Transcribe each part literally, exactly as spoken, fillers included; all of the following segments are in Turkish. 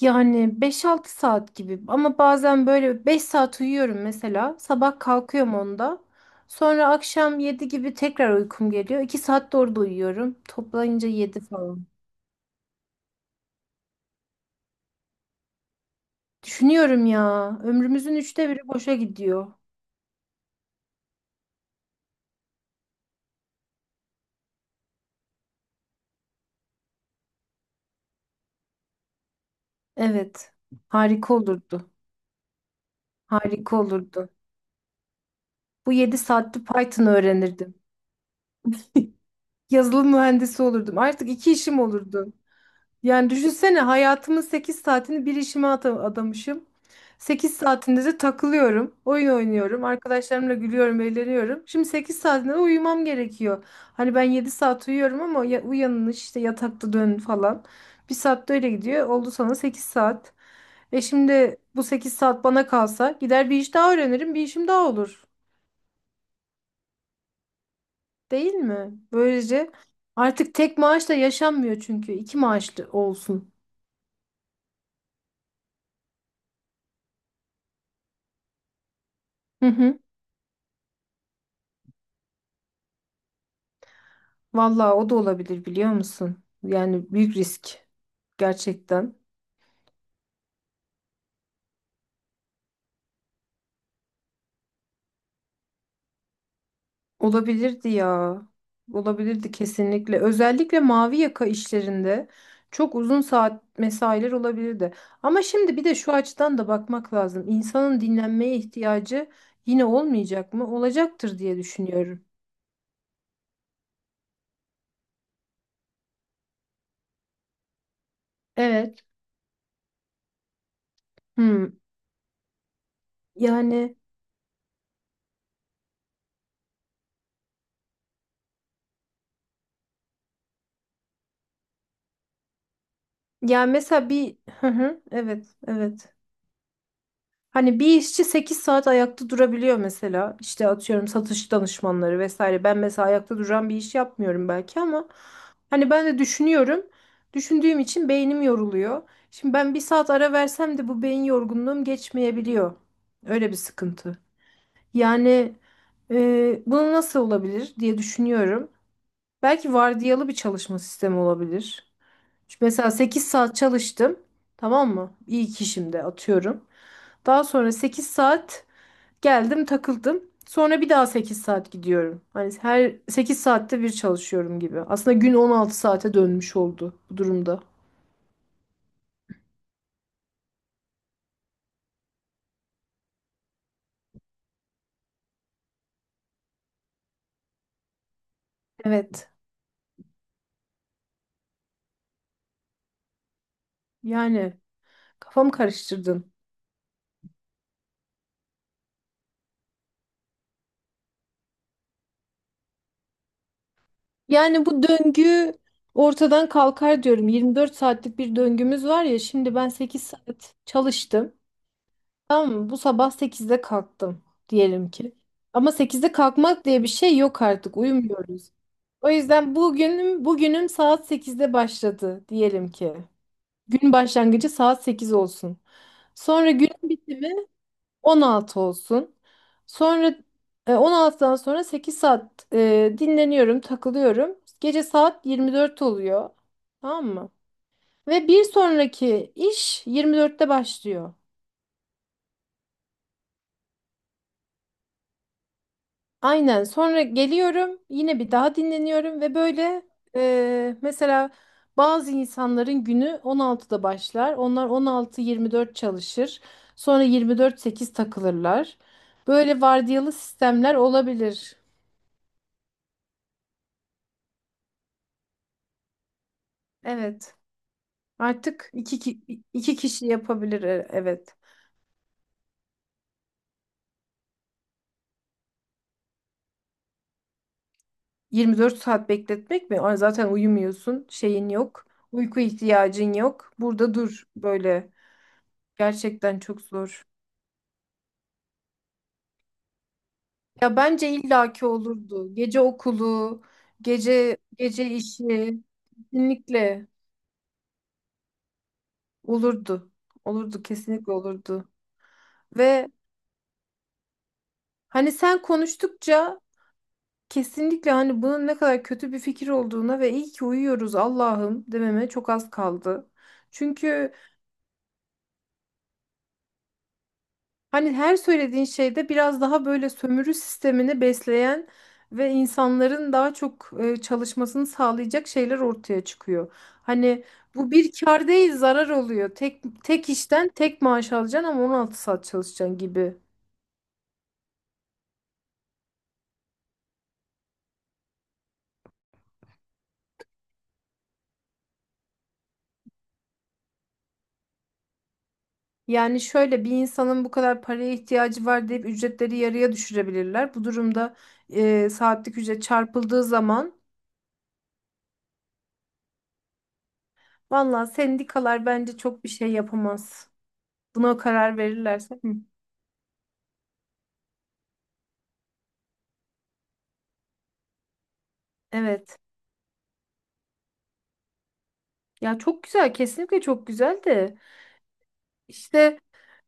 Yani beş-altı saat gibi ama bazen böyle beş saat uyuyorum mesela. Sabah kalkıyorum onda. Sonra akşam yedi gibi tekrar uykum geliyor. iki saat de orada uyuyorum. Toplayınca yedi falan. Düşünüyorum ya. Ömrümüzün üçte biri boşa gidiyor. Evet. Harika olurdu. Harika olurdu. Bu yedi saatte Python öğrenirdim. Yazılım mühendisi olurdum. Artık iki işim olurdu. Yani düşünsene hayatımın sekiz saatini bir işime ata- adamışım. Sekiz saatinde de takılıyorum, oyun oynuyorum, arkadaşlarımla gülüyorum, eğleniyorum. Şimdi sekiz saatinde de uyumam gerekiyor. Hani ben yedi saat uyuyorum ama ya, uyanın işte yatakta dön falan. Bir saat de öyle gidiyor. Oldu sana sekiz saat. E şimdi bu sekiz saat bana kalsa gider bir iş daha öğrenirim, bir işim daha olur. Değil mi? Böylece artık tek maaşla yaşanmıyor çünkü. İki maaşlı olsun. Hı hı. Vallahi o da olabilir biliyor musun? Yani büyük risk gerçekten. Olabilirdi ya. Olabilirdi kesinlikle. Özellikle mavi yaka işlerinde çok uzun saat mesailer olabilirdi. Ama şimdi bir de şu açıdan da bakmak lazım. İnsanın dinlenmeye ihtiyacı yine olmayacak mı? Olacaktır diye düşünüyorum. Evet. Hmm. Yani, ya mesela bir Hı hı. Evet, evet. Hani bir işçi sekiz saat ayakta durabiliyor mesela. İşte atıyorum satış danışmanları vesaire. Ben mesela ayakta duran bir iş yapmıyorum belki ama hani ben de düşünüyorum. Düşündüğüm için beynim yoruluyor. Şimdi ben bir saat ara versem de bu beyin yorgunluğum geçmeyebiliyor. Öyle bir sıkıntı. Yani e, bunu nasıl olabilir diye düşünüyorum. Belki vardiyalı bir çalışma sistemi olabilir. Mesela sekiz saat çalıştım. Tamam mı? İyi ki şimdi atıyorum. Daha sonra sekiz saat geldim takıldım. Sonra bir daha sekiz saat gidiyorum. Hani her sekiz saatte bir çalışıyorum gibi. Aslında gün on altı saate dönmüş oldu bu durumda. Evet. Yani kafamı karıştırdın. Yani bu döngü ortadan kalkar diyorum. Yirmi dört saatlik bir döngümüz var ya. Şimdi ben sekiz saat çalıştım. Tamam mı? Bu sabah sekizde kalktım diyelim ki. Ama sekizde kalkmak diye bir şey yok, artık uyumuyoruz. O yüzden bugünüm bugünüm saat sekizde başladı diyelim ki. Gün başlangıcı saat sekiz olsun. Sonra günün bitimi on altı olsun. Sonra e, on altıdan sonra sekiz saat e, dinleniyorum, takılıyorum. Gece saat yirmi dört oluyor. Tamam mı? Ve bir sonraki iş yirmi dörtte başlıyor. Aynen. Sonra geliyorum, yine bir daha dinleniyorum ve böyle e, mesela bazı insanların günü on altıda başlar. Onlar on altı yirmi dört çalışır. Sonra yirmi dört sekiz takılırlar. Böyle vardiyalı sistemler olabilir. Evet. Artık iki, ki- iki kişi yapabilir. e- Evet. yirmi dört saat bekletmek mi? Ay, zaten uyumuyorsun. Şeyin yok. Uyku ihtiyacın yok. Burada dur böyle. Gerçekten çok zor. Ya bence illaki olurdu. Gece okulu, gece gece işi kesinlikle olurdu. Olurdu, kesinlikle olurdu. Ve hani sen konuştukça kesinlikle hani bunun ne kadar kötü bir fikir olduğuna ve iyi ki uyuyoruz Allah'ım dememe çok az kaldı. Çünkü hani her söylediğin şeyde biraz daha böyle sömürü sistemini besleyen ve insanların daha çok e, çalışmasını sağlayacak şeyler ortaya çıkıyor. Hani bu bir kar değil zarar oluyor. Tek tek işten tek maaş alacaksın ama on altı saat çalışacaksın gibi. Yani şöyle bir insanın bu kadar paraya ihtiyacı var deyip ücretleri yarıya düşürebilirler. Bu durumda e, saatlik ücret çarpıldığı zaman valla sendikalar bence çok bir şey yapamaz. Buna karar verirlerse. Hı. Evet. Ya çok güzel, kesinlikle çok güzel de işte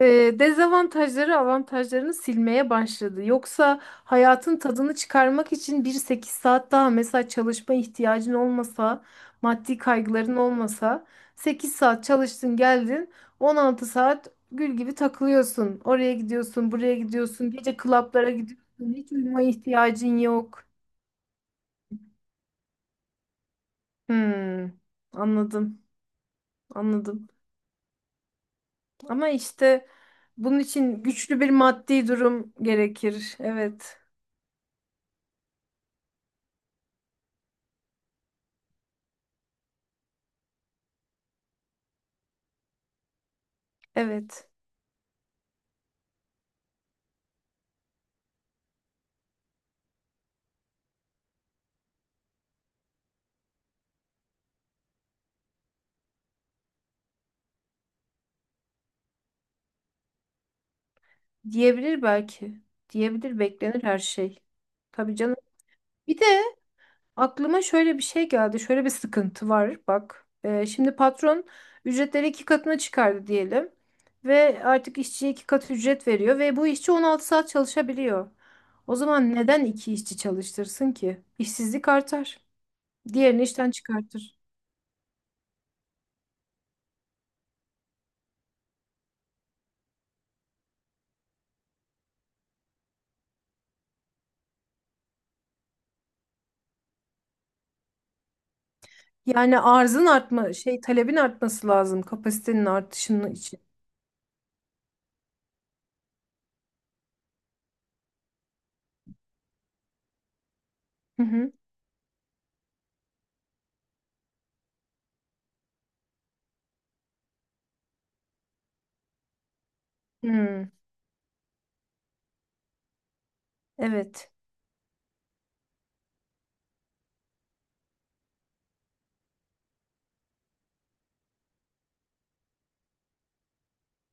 e, dezavantajları avantajlarını silmeye başladı. Yoksa hayatın tadını çıkarmak için bir sekiz saat daha mesela çalışma ihtiyacın olmasa, maddi kaygıların olmasa sekiz saat çalıştın geldin on altı saat gül gibi takılıyorsun. Oraya gidiyorsun, buraya gidiyorsun, gece klaplara gidiyorsun. Hiç uyumaya ihtiyacın yok. Hmm, anladım, anladım. Ama işte bunun için güçlü bir maddi durum gerekir. Evet. Evet. Diyebilir belki. Diyebilir, beklenir her şey. Tabii canım. Bir de aklıma şöyle bir şey geldi. Şöyle bir sıkıntı var. Bak. Ee, şimdi patron ücretleri iki katına çıkardı diyelim. Ve artık işçiye iki kat ücret veriyor. Ve bu işçi on altı saat çalışabiliyor. O zaman neden iki işçi çalıştırsın ki? İşsizlik artar. Diğerini işten çıkartır. Yani arzın artma, şey talebin artması lazım kapasitenin artışının için. Hı hı. Hmm, evet.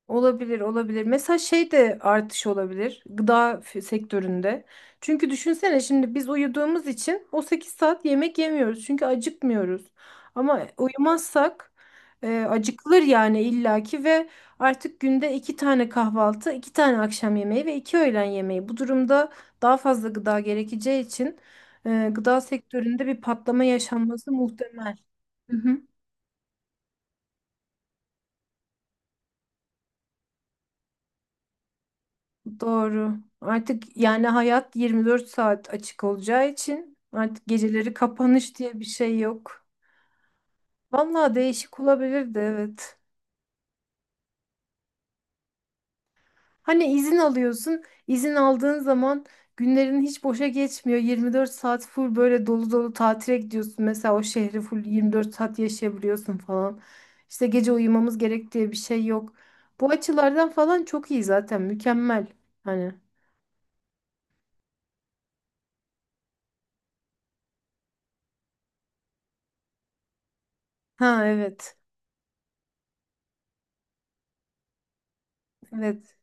Olabilir, olabilir. Mesela şey de artış olabilir gıda f- sektöründe. Çünkü düşünsene şimdi biz uyuduğumuz için o sekiz saat yemek yemiyoruz. Çünkü acıkmıyoruz. Ama uyumazsak e, acıkılır yani illaki ve artık günde iki tane kahvaltı, iki tane akşam yemeği ve iki öğlen yemeği. Bu durumda daha fazla gıda gerekeceği için e, gıda sektöründe bir patlama yaşanması muhtemel. Doğru. Artık yani hayat yirmi dört saat açık olacağı için artık geceleri kapanış diye bir şey yok. Vallahi değişik olabilirdi, evet. Hani izin alıyorsun, izin aldığın zaman günlerin hiç boşa geçmiyor. yirmi dört saat full böyle dolu dolu tatile gidiyorsun. Mesela o şehri full yirmi dört saat yaşayabiliyorsun falan. İşte gece uyumamız gerek diye bir şey yok. Bu açılardan falan çok iyi, zaten mükemmel. Hani. Ha, evet. Evet.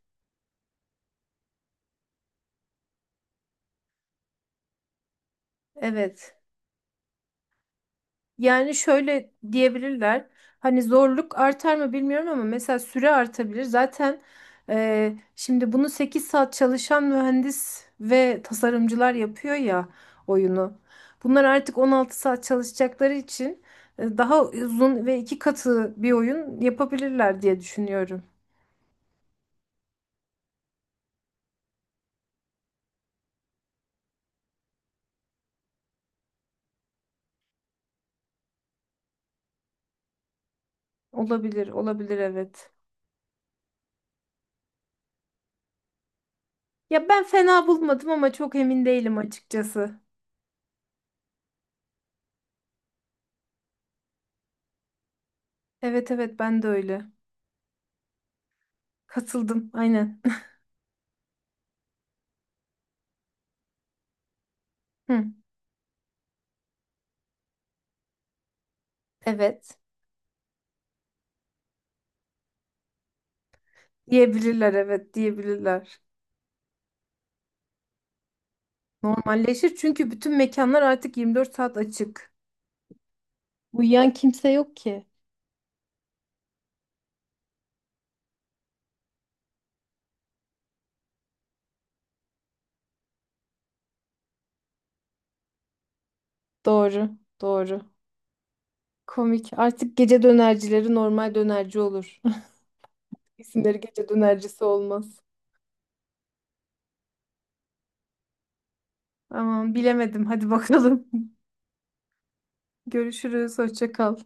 Evet. Yani şöyle diyebilirler. Hani zorluk artar mı bilmiyorum ama mesela süre artabilir. Zaten e, şimdi bunu sekiz saat çalışan mühendis ve tasarımcılar yapıyor ya oyunu. Bunlar artık on altı saat çalışacakları için e, daha uzun ve iki katı bir oyun yapabilirler diye düşünüyorum. Olabilir, olabilir evet. Ya ben fena bulmadım ama çok emin değilim açıkçası. Evet, evet ben de öyle. Katıldım aynen. Hı, evet. Diyebilirler evet diyebilirler. Normalleşir çünkü bütün mekanlar artık yirmi dört saat açık. Uyuyan kimse yok ki. Doğru, doğru. Komik. Artık gece dönercileri normal dönerci olur. İsimleri gece dönercisi olmaz. Aman bilemedim. Hadi bakalım. Görüşürüz. Hoşça kal.